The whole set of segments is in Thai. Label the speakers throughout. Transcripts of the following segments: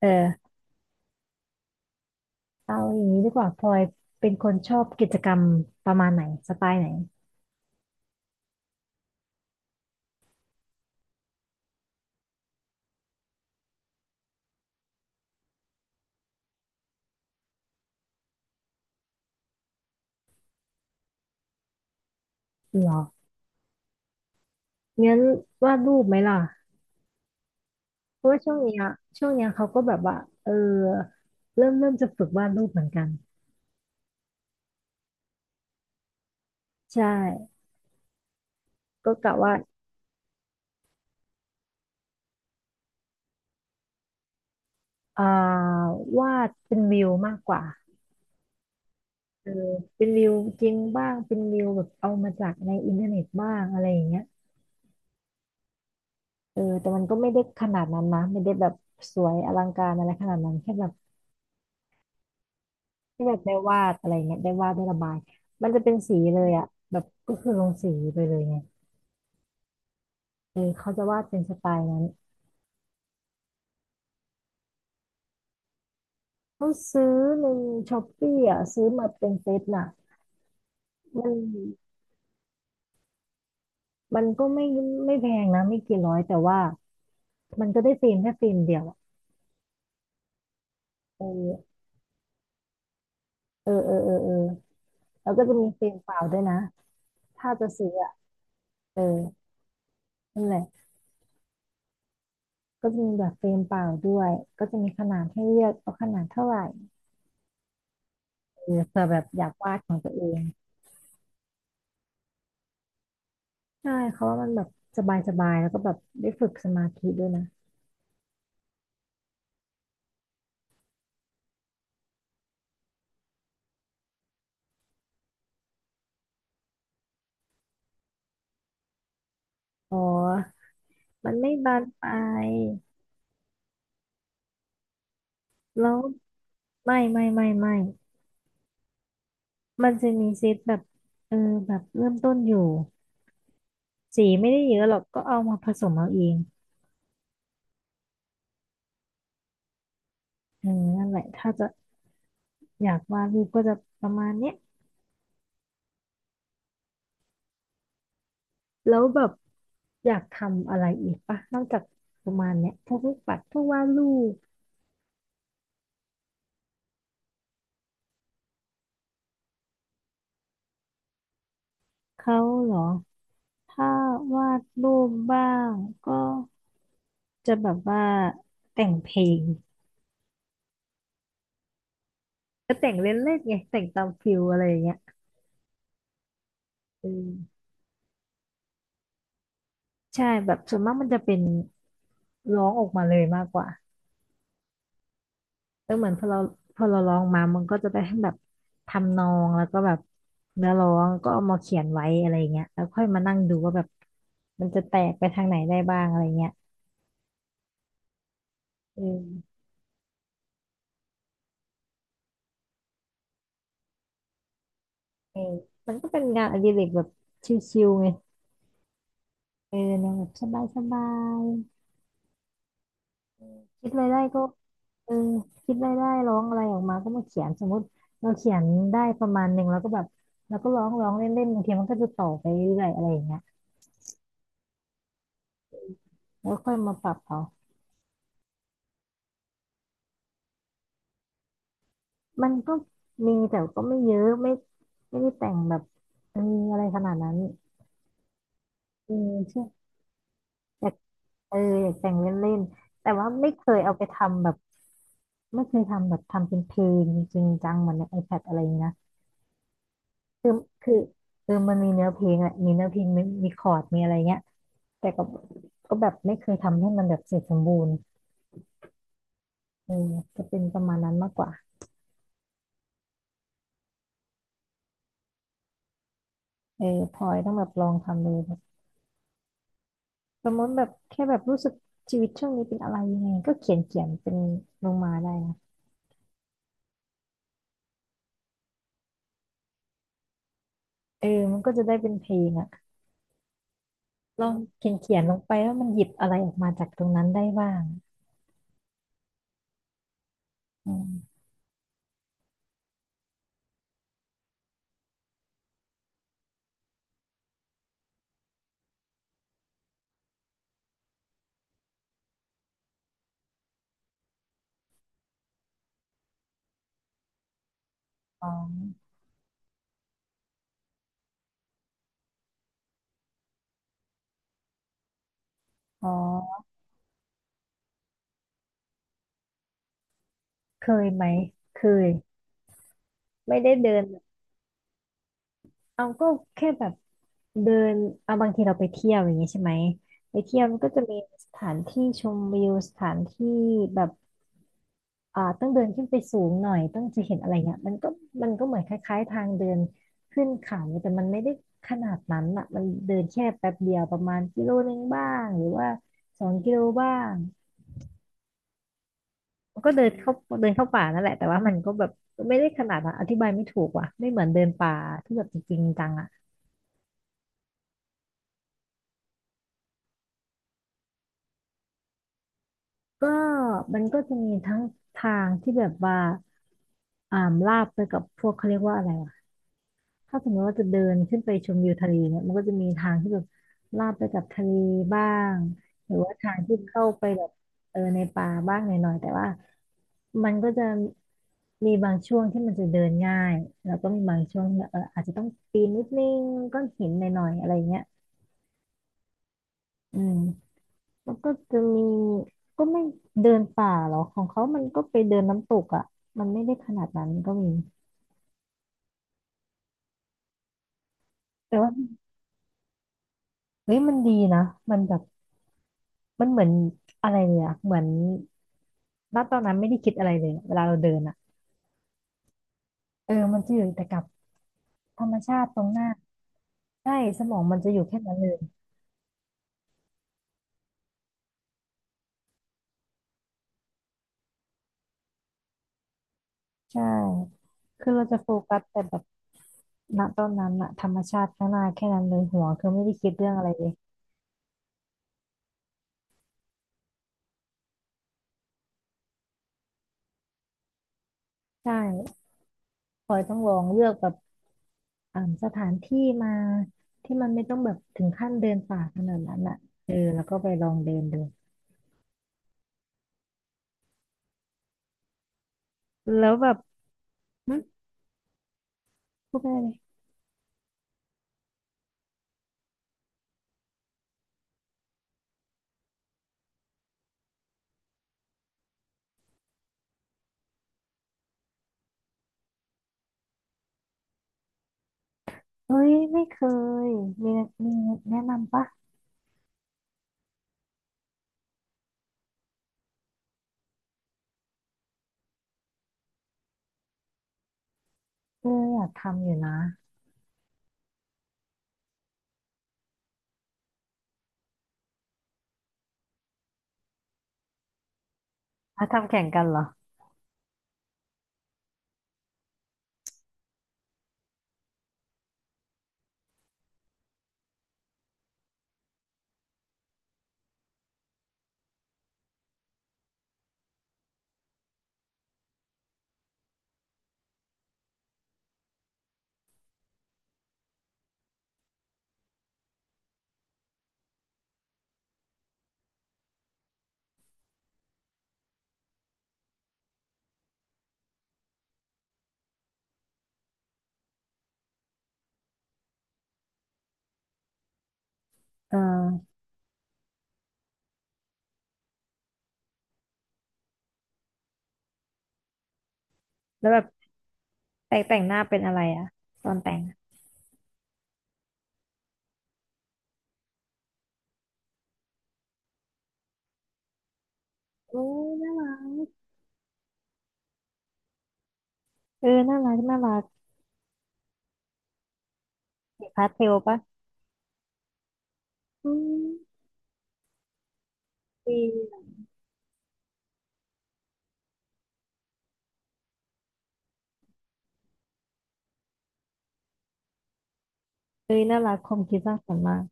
Speaker 1: เออเอาอย่างนี้ดีกว่าพลอยเป็นคนชอบกิจกรรมประมาณไหนสไตล์ไหนหรองั้นวาดรูปไหมล่ะเพราะว่าช่วงเนี้ยเขาก็แบบว่าเออเริ่มจะฝึกวาดรูปเหมือนกันใช่ก็กะว่าอ่าวาดเป็นวิวมากกว่าเออเป็นวิวจริงบ้างเป็นวิวแบบเอามาจากในอินเทอร์เน็ตบ้างอะไรอย่างเงี้ยเออแต่มันก็ไม่ได้ขนาดนั้นนะไม่ได้แบบสวยอลังการอะไรขนาดนั้นแค่แบบ ที่แบบได้วาดอะไรเงี้ยได้วาดได้ระบาย มันจะเป็นสีเลยอ่ะแบบก็คือลงสีไปเลยไงเออเขาจะวาดเป็นสไตล์นั้นเขาซื้อในช้อปปี้อ่ะซื้อมาเป็นเซตน่ะมันมันก็ไม่แพงนะไม่กี่ร้อยแต่ว่ามันก็ได้ฟิล์มแค่ฟิล์มเดียวอะเออเออเออเออเออแล้วก็จะมีฟิล์มเปล่าด้วยนะถ้าจะซื้ออ่ะเออนั่นแหละก็จะมีแบบเฟรมเปล่าด้วยก็จะมีขนาดให้เลือกเอาขนาดเท่าไหร่เออเผื่อแบบอยากวาดของตัวเอง ใช่เขาว่ามันแบบสบายสบายแล้วก็แบบได้ฝึกสมาธิด้วยนะอ๋อ มันไม่บานปลายแล้วไม่ไม่ไม่ไม่ มันจะมีเซตแบบเออแบบเริ่มต้นอยู่สีไม่ได้เยอะหรอกก็เอามาผสมเอาเองเออนั่นแหละถ้าจะอยากวาดรูปก็จะประมาณเนี้ยแล้วแบบอยากทำอะไรอีกปะนอกจากประมาณเนี้ยพวกลูกปัดพวกวาดรูปเขาเหรอถ้าวาดรูปบ้างก็ จะแบบว่าแต่งเพลงก็แต่งเล่นๆไงแต่งตามฟิลอะไรอย่างเงี้ยเออใช่แบบส่วนมากมันจะเป็นร้องออกมาเลยมากกว่าเออเหมือนพอเราร้องมามันก็จะได้ทั้งแบบทำนองแล้วก็แบบเนื้อร้องก็เอามาเขียนไว้อะไรอย่างเงี้ยแล้วค่อยมานั่งดูว่าแบบมันจะแตกไปทางไหนได้บ้างอะไรเงี้ยเออเออมันก็เป็นงานอดิเรกแบบชิลๆไงเออแนวแบบสบายๆคิดอะไรได้ก็ เออคิดได้ร้องอะไรออกมาก็มาเขียนสมมติเราเขียนได้ประมาณหนึ่งแล้วก็แบบเราก็ร้องร้องเล่นเล่นบางทีมันก็จะต่อไปเรื่อยอะไรอย่างเงี้ยแล้วค่อยมาปรับเอามันก็มีแต่ก็ไม่เยอะไม่ได้แต่งแบบเอออะไรขนาดนั้นเออใช่อยากเอออยากแต่งเล่นเล่นแต่ว่าไม่เคยเอาไปทำแบบไม่เคยทำแบบทำเป็นเพลงจริงจังเหมือนใน iPad อะไรอย่างเงี้ยนะคือคือเออมันมีเนื้อเพลงแหละมีเนื้อเพลงมีคอร์ดมีอะไรเงี้ย แต่ก็แบบไม่เคยทำให้มันแบบเสร็จสมบูรณ์เออจะเป็นประมาณนั้นมากกว่าเออพลอยต้องแบบลองทำเลยแบบสมมติแบบแค่แบบรู้สึกชีวิตช่วงนี้เป็นอะไรยังไงก็เขียนเขียนเป็นลงมาได้นะเออมันก็จะได้เป็นเพลงอ่ะลองเขียนเขียนลงไปว่ามันหยิบอะไรออกมาจากตรงนั้นได้บ้างอืมอ๋ออ๋อเคยไหมเคยไม่ได้เดิน เอาก็แค่แบบเดินเอาบางทีเราไปเที่ยวอย่างงี้ใช่ไหมไปเที่ยวมันก็จะมีสถานที่ชมวิวสถานที่แบบต้องเดินขึ้นไปสูงหน่อยต้องจะเห็นอะไรเงี้ยมันก็เหมือนคล้ายๆทางเดินขึ้นเขา่แต่มันไม่ได้ขนาดนั้นอ่ะมันเดินแค่แป๊บเดียวประมาณกิโลนึงบ้างหรือว่าสองกิโลบ้างมันก็เดินเข้าป่านั่นแหละแต่ว่ามันก็แบบไม่ได้ขนาดนั้นอธิบายไม่ถูกว่ะไม่เหมือนเดินป่าที่แบบจริงๆจังอ่ะ ก็มันก็จะมีทั้งทางที่แบบว่าอ่าลาบไปกับพวกเขาเรียกว่าอะไรอะถ้าสมมติว่าจะเดินขึ้นไปชมวิวทะเลเนี่ยมันก็จะมีทางที่แบบลาบไปกับทะเลบ้างหรือว่าทางที่เข้าไปแบบเออในป่าบ้างหน่อยๆแต่ว่ามันก็จะมีบางช่วงที่มันจะเดินง่ายแล้วก็มีบางช่วงที่เอออาจจะต้องปีนนิดนึงก้อนหินหน่อยๆอะไรเงี้ยอืม แล้วก็จะมีก็ไม่เดินป่าหรอกของเขามันก็ไปเดินน้ำตกอ่ะมันไม่ได้ขนาดนั้นก็มีแต่ว่าเฮ้ยมันดีนะมันแบบมันเหมือนอะไรเนี่ยอะเหมือนณตอนนั้นไม่ได้คิดอะไรเลยเวลาเราเดินอ่ะเออมันจะอยู่แต่กับธรรมชาติตรงหน้าใช่สมองมันจะอยู่แค่นั้นเลยใช่คือเราจะโฟกัสแต่แบบณตอนนั้นอะธรรมชาติข้างหน้าแค่นั้นเลยหัวคือไม่ได้คิดเรื่องอะไรเลยใช่พลอยต้องลองเลือกแบบ สถานที่มาที่มันไม่ต้องแบบถึงขั้นเดินป่าขนาดนั้นอ่ะเออแล้วก็ไปลองเดินดูแล้วแบบหึพูดไปเลยเอ้ยไม่เคยมีมีแนะนำปะเอออยากทำอยู่นะอ่ะทำแข่งกันเหรอเออแล้วแบบแต่งหน้าเป็นอะไรอ่ะตอนแต่งอะโอ้ยน่ารักเออน่ารักน่ารักสีพาสเทลปะอืมดีเอ้ยน่ารักความคิดสร้างสรรค์มาก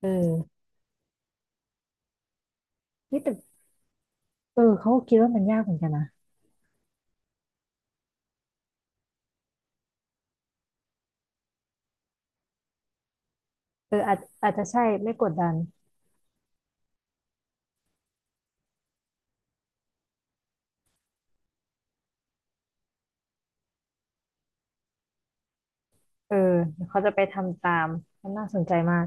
Speaker 1: เออนี่แต่เออเขาก็คิดว่ามันยากเหมือนกันนะเอออาจจะใช่ไม่กดดัน เออเดี๋ยวเขาจะไปทำตามมันน่าสนใจมาก